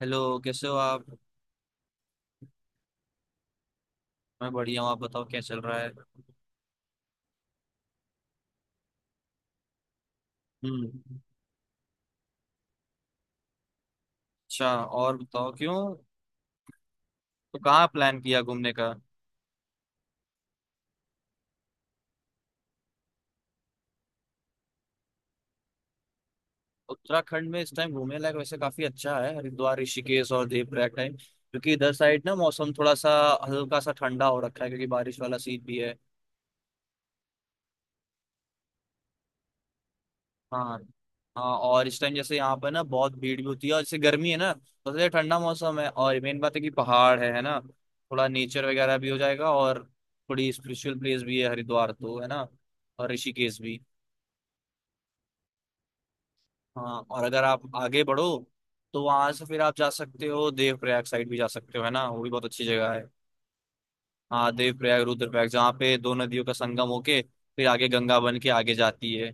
Hello, कैसे हो आप? मैं बढ़िया हूँ। आप बताओ, क्या चल रहा है? हम्म। अच्छा, और बताओ क्यों तो कहाँ प्लान किया घूमने का? उत्तराखंड में इस टाइम घूमने लायक वैसे काफी अच्छा है। हरिद्वार, ऋषिकेश और देवप्रयाग टाइम, क्योंकि इधर साइड ना मौसम थोड़ा सा हल्का सा ठंडा हो रखा है क्योंकि बारिश वाला सीन भी है। हाँ, हाँ और इस टाइम जैसे यहाँ पर ना बहुत भीड़ भी होती है, और जैसे गर्मी है ना तो जैसे ठंडा मौसम है, और मेन बात है कि पहाड़ है ना। थोड़ा नेचर वगैरह भी हो जाएगा, और थोड़ी स्पिरिचुअल प्लेस भी है हरिद्वार तो, है ना। और ऋषिकेश भी। हाँ, और अगर आप आगे बढ़ो तो वहां से फिर आप जा सकते हो, देवप्रयाग साइड भी जा सकते हो, है ना। वो भी बहुत अच्छी जगह है। हाँ, देवप्रयाग, रुद्रप्रयाग जहाँ पे दो नदियों का संगम होके फिर आगे गंगा बन के आगे जाती है।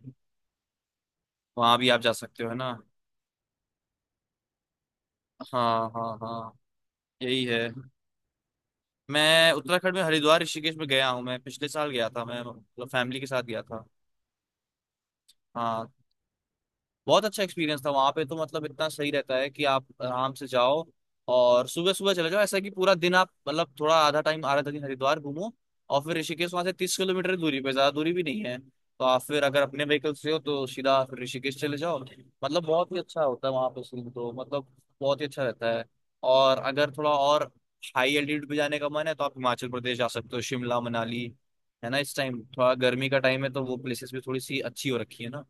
वहां भी आप जा सकते हो, है ना। हाँ हाँ हाँ। यही है। मैं उत्तराखंड में हरिद्वार ऋषिकेश में गया हूँ। मैं पिछले साल गया था, मैं मतलब फैमिली के साथ गया था। हाँ, बहुत अच्छा एक्सपीरियंस था वहां पे। तो मतलब इतना सही रहता है कि आप आराम से जाओ और सुबह सुबह चले जाओ, ऐसा कि पूरा दिन आप मतलब थोड़ा आधा टाइम आधा दिन हरिद्वार घूमो और फिर ऋषिकेश। वहां से 30 किलोमीटर की दूरी पे, ज्यादा दूरी भी नहीं है। तो आप फिर अगर अपने व्हीकल से हो तो सीधा फिर ऋषिकेश चले जाओ, मतलब बहुत ही अच्छा होता है। वहां पे सीन तो मतलब बहुत ही अच्छा रहता है। और अगर थोड़ा और हाई एल्टीट्यूड पे जाने का मन है तो आप हिमाचल प्रदेश जा सकते हो, शिमला मनाली, है ना। इस टाइम थोड़ा गर्मी का टाइम है तो वो प्लेसेस भी थोड़ी सी अच्छी हो रखी है, ना।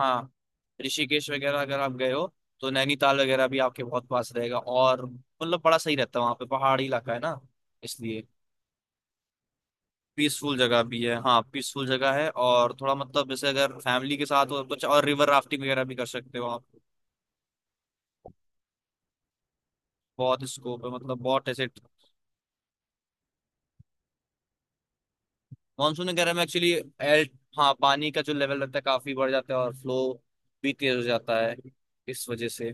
हाँ, ऋषिकेश वगैरह अगर आप गए हो तो नैनीताल वगैरह भी आपके बहुत पास रहेगा, और मतलब बड़ा सही रहता है वहाँ पे, पहाड़ी इलाका है ना, इसलिए पीसफुल जगह भी है। हाँ, पीसफुल जगह है, और थोड़ा मतलब जैसे अगर फैमिली के साथ हो तो कुछ और रिवर राफ्टिंग वगैरह भी कर सकते हो आप। बहुत स्कोप है, मतलब बहुत ऐसे। मानसून वगैरह में एक्चुअली एल हाँ, पानी का जो लेवल रहता है काफी बढ़ जाता है, और फ्लो भी तेज हो जाता है, इस वजह से।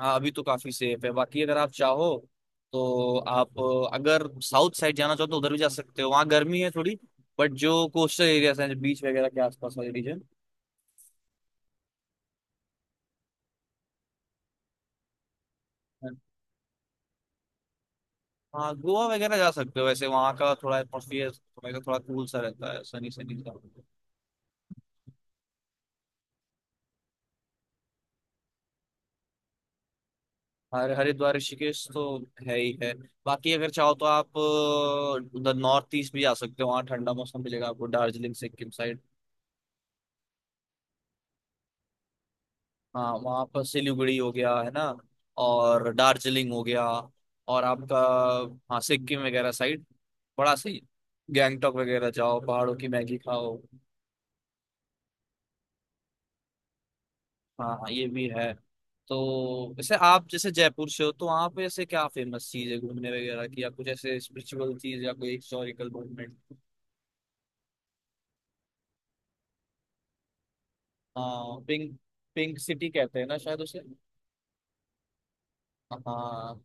हाँ, अभी तो काफी सेफ है। बाकी अगर आप चाहो तो आप अगर साउथ साइड जाना चाहो तो उधर भी जा सकते हो। वहाँ गर्मी है थोड़ी, बट जो कोस्टल एरियाज हैं, बीच वगैरह के आसपास वाले रीजन। हाँ, गोवा वगैरह जा सकते हो। वैसे वहाँ का थोड़ा एटमोसफियर थोड़ा थोड़ा कूल सा रहता है, सनी सनी सा। हर हरिद्वार ऋषिकेश तो है ही है। बाकी अगर चाहो तो आप उधर नॉर्थ ईस्ट भी जा सकते हो। वहाँ ठंडा मौसम मिलेगा आपको, दार्जिलिंग सिक्किम साइड। हाँ, वहाँ पर सिलीगुड़ी हो गया, है ना। और दार्जिलिंग हो गया, और आपका, हाँ, सिक्किम वगैरह साइड बड़ा सही। गैंगटॉक वगैरह जाओ, पहाड़ों की मैगी खाओ। हाँ हाँ, ये भी है। तो वैसे आप जैसे जयपुर से हो तो वहाँ पे ऐसे क्या फेमस चीज है घूमने वगैरह की, या कुछ ऐसे स्पिरिचुअल चीज या कोई हिस्टोरिकल मूवमेंट? हाँ, पिंक, पिंक सिटी कहते हैं ना शायद उसे। हाँ।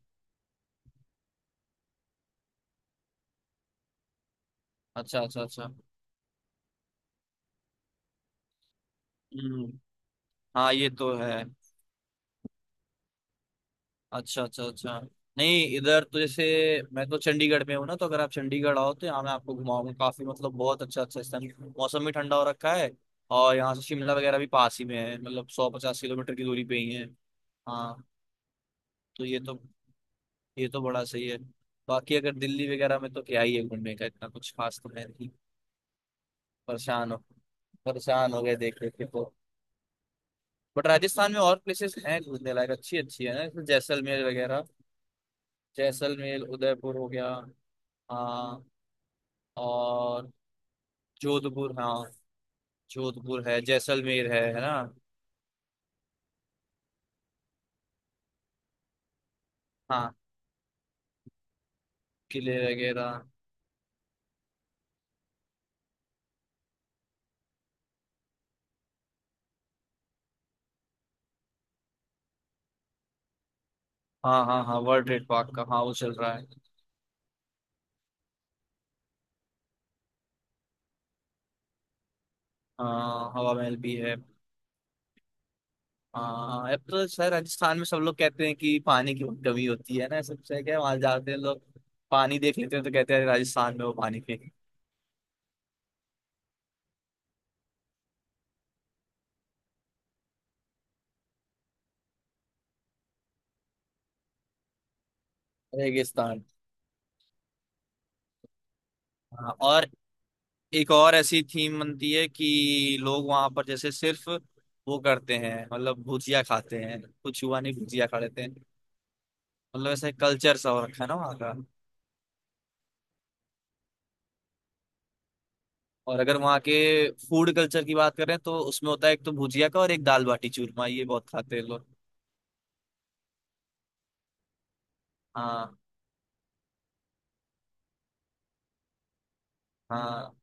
अच्छा अच्छा अच्छा। हम्म। हाँ, ये तो है। अच्छा अच्छा अच्छा। नहीं, इधर तो जैसे मैं तो चंडीगढ़ में हूँ ना, तो अगर आप चंडीगढ़ आओ तो यहाँ मैं आपको घुमाऊंगा काफी, मतलब बहुत अच्छा अच्छा। इस टाइम मौसम भी ठंडा हो रखा है, और यहाँ से शिमला वगैरह भी पास ही में है, मतलब 150 किलोमीटर की दूरी पे ही है। हाँ, तो ये तो, बड़ा सही है। बाकी अगर दिल्ली वगैरह में, तो क्या ही है घूमने का, इतना कुछ खास तो है नहीं। परेशान हो, परेशान हो गए देख देख के तो। बट राजस्थान में और प्लेसेस हैं घूमने लायक, अच्छी अच्छी, है ना, जैसे जैसलमेर वगैरह। जैसलमेर, उदयपुर हो गया। हाँ, और जोधपुर, हाँ, जोधपुर है, जैसलमेर है ना। हाँ, किले वगैरह। हाँ हाँ हाँ, वर्ल्ड ट्रेड पार्क का हाँ, वो चल रहा है। हाँ, हवा महल भी है। हाँ, अब तो शायद राजस्थान में सब लोग कहते हैं कि पानी की बहुत कमी होती है ना, सबसे क्या वहां जाते हैं लोग, पानी देख लेते हैं तो कहते हैं राजस्थान में वो पानी पे। रेगिस्तान। हाँ, और एक और ऐसी थीम बनती है कि लोग वहां पर जैसे सिर्फ वो करते हैं, मतलब भुजिया खाते हैं, कुछ हुआ नहीं भुजिया खा लेते हैं, मतलब ऐसे कल्चर सा हो रखा है ना वहाँ का। और अगर वहाँ के फूड कल्चर की बात करें, तो उसमें होता है एक तो भुजिया का, और एक दाल बाटी चूरमा, ये बहुत खाते हैं लोग। हाँ हाँ।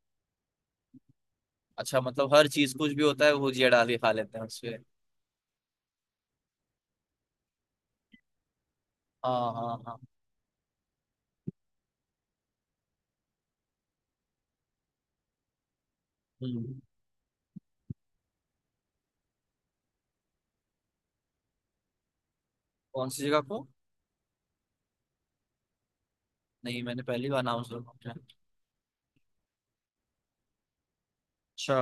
अच्छा, मतलब हर चीज, कुछ भी होता है वो भुजिया डाल के खा लेते हैं उसपे। हाँ हाँ हाँ। हम्म। कौन सी जगह को? नहीं, मैंने पहली बार नाम सुना है। अच्छा।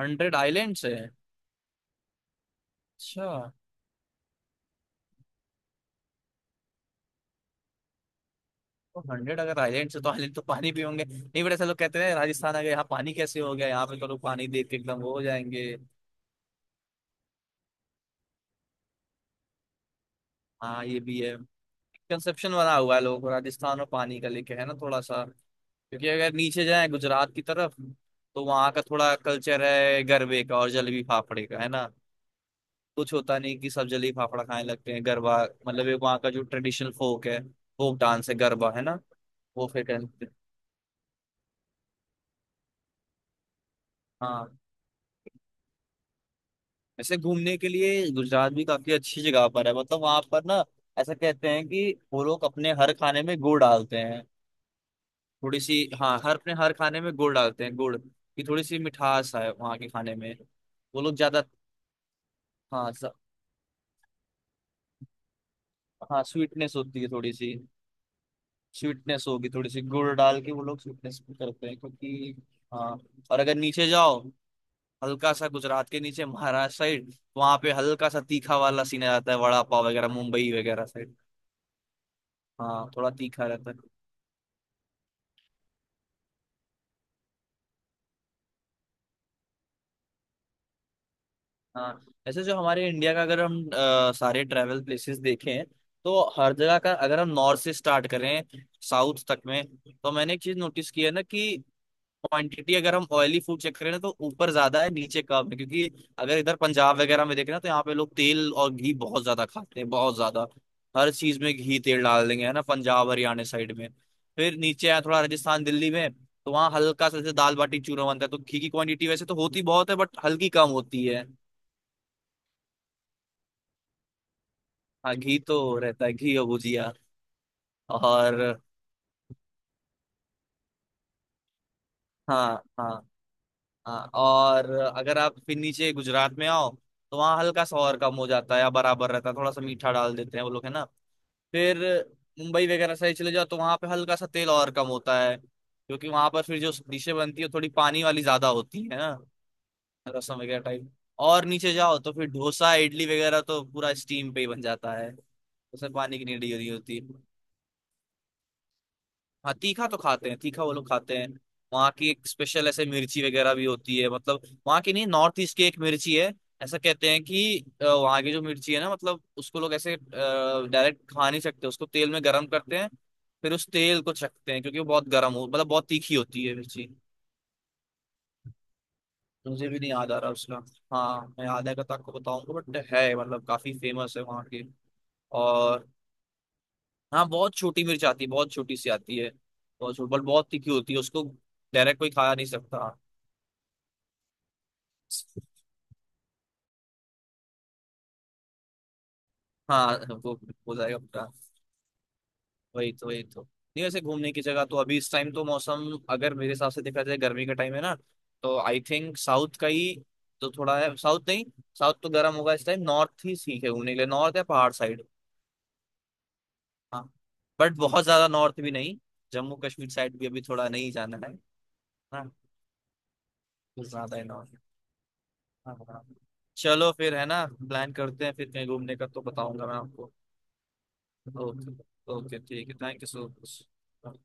हंड्रेड आइलैंड से है? अच्छा। तो हंड्रेड अगर आइलैंड से, तो आइलैंड तो पानी भी होंगे नहीं, बट ऐसा लोग कहते हैं राजस्थान आ गए, यहाँ पानी कैसे हो गया, यहाँ पे तो लोग पानी देख के एकदम वो हो जाएंगे। हाँ, ये भी है, कंसेप्शन बना हुआ है लोगों को राजस्थान और पानी का लेके, है ना थोड़ा सा। क्योंकि अगर नीचे जाए गुजरात की तरफ, तो वहाँ का थोड़ा कल्चर है गरबे का और जलेबी फाफड़े का, है ना। कुछ होता नहीं कि सब जलेबी फाफड़ा खाने लगते हैं, गरबा, मतलब एक वहाँ का जो ट्रेडिशनल फोक है, फोक डांस है, गरबा है ना, वो फिर करते हैं। हाँ, वैसे घूमने के लिए गुजरात भी काफी अच्छी जगह पर है। मतलब वहां पर ना, ऐसा कहते हैं कि वो लोग अपने हर खाने में गुड़ डालते हैं, थोड़ी सी। हाँ, हर अपने हर खाने में गुड़ डालते हैं, गुड़ की थोड़ी सी मिठास है वहाँ के खाने में। वो लोग ज्यादा, हाँ हाँ स्वीटनेस होती है थोड़ी सी, स्वीटनेस होगी थोड़ी सी, गुड़ डाल के वो लोग स्वीटनेस करते हैं, क्योंकि हाँ। और अगर नीचे जाओ, हल्का सा गुजरात के नीचे महाराष्ट्र साइड, वहाँ पे हल्का सा तीखा वाला सीन आ जाता है, वड़ा पाव वगैरह, मुंबई वगैरह साइड। हाँ, थोड़ा तीखा रहता है। हाँ, ऐसे जो हमारे इंडिया का, अगर हम सारे ट्रैवल प्लेसेस देखें, तो हर जगह का, अगर हम नॉर्थ से स्टार्ट करें साउथ तक में, तो मैंने एक चीज नोटिस की है ना, कि क्वांटिटी अगर हम ऑयली फूड चेक करें ना, तो ऊपर ज्यादा है, नीचे कम है, क्योंकि अगर इधर पंजाब वगैरह में देखें ना, तो यहाँ पे लोग तेल और घी बहुत ज्यादा खाते हैं, बहुत ज्यादा। हर चीज में घी तेल डाल देंगे, है ना, पंजाब हरियाणा साइड में। फिर नीचे आया थोड़ा राजस्थान दिल्ली में, तो वहाँ हल्का सा जैसे दाल बाटी चूरमा बनता है, तो घी की क्वांटिटी वैसे तो होती बहुत है, बट हल्की कम होती है। हाँ, घी तो रहता है, घी और भुजिया। और हाँ हाँ हाँ। और अगर आप फिर नीचे गुजरात में आओ, तो वहाँ हल्का सा और कम हो जाता है, या बराबर रहता है, थोड़ा सा मीठा डाल देते हैं वो लोग, है ना। फिर मुंबई वगैरह साइड चले जाओ, तो वहाँ पे हल्का सा तेल और कम होता है, क्योंकि वहाँ पर फिर जो डिशें बनती है थोड़ी पानी वाली ज्यादा होती है ना, रसम वगैरह टाइप। और नीचे जाओ, तो फिर डोसा इडली वगैरह तो पूरा स्टीम पे ही बन जाता है, उसमें पानी की नीड ही नहीं होती। हाँ, तीखा तो खाते हैं, तीखा वो लोग खाते हैं। वहाँ की एक स्पेशल ऐसे मिर्ची वगैरह भी होती है, मतलब वहाँ की नहीं, नॉर्थ ईस्ट की एक मिर्ची है। ऐसा कहते हैं कि वहाँ की जो मिर्ची है ना, मतलब उसको लोग ऐसे डायरेक्ट खा नहीं सकते, उसको तेल में गर्म करते हैं, फिर उस तेल को चखते हैं, क्योंकि वो बहुत गर्म हो, मतलब बहुत तीखी होती है मिर्ची। मुझे भी नहीं याद आ रहा उसका। हाँ, मैं याद आएगा तो आपको बताऊंगा, बट है मतलब काफी फेमस है वहाँ की। और हाँ, बहुत छोटी मिर्च आती है, बहुत छोटी सी आती है। बहुत छोटी बट बहुत तीखी होती है, उसको डायरेक्ट कोई खा नहीं सकता। हाँ, वो हो जाएगा पूरा। वही तो, वही तो। नहीं, वैसे घूमने की जगह तो अभी इस टाइम तो मौसम, अगर मेरे हिसाब से देखा जाए, गर्मी का टाइम है ना, तो आई थिंक साउथ का ही, तो थोड़ा है साउथ नहीं, साउथ तो गर्म होगा इस टाइम, नॉर्थ ही ठीक है घूमने के लिए, नॉर्थ या पहाड़ साइड। हाँ, बट बहुत ज्यादा नॉर्थ भी नहीं, जम्मू कश्मीर साइड भी अभी थोड़ा नहीं जाना है। हाँ, कुछ ज्यादा है नॉर्थ। चलो फिर, है ना, प्लान करते हैं फिर कहीं घूमने का तो बताऊंगा मैं आपको। ओके। ओके, ठीक है, थैंक यू सो मच।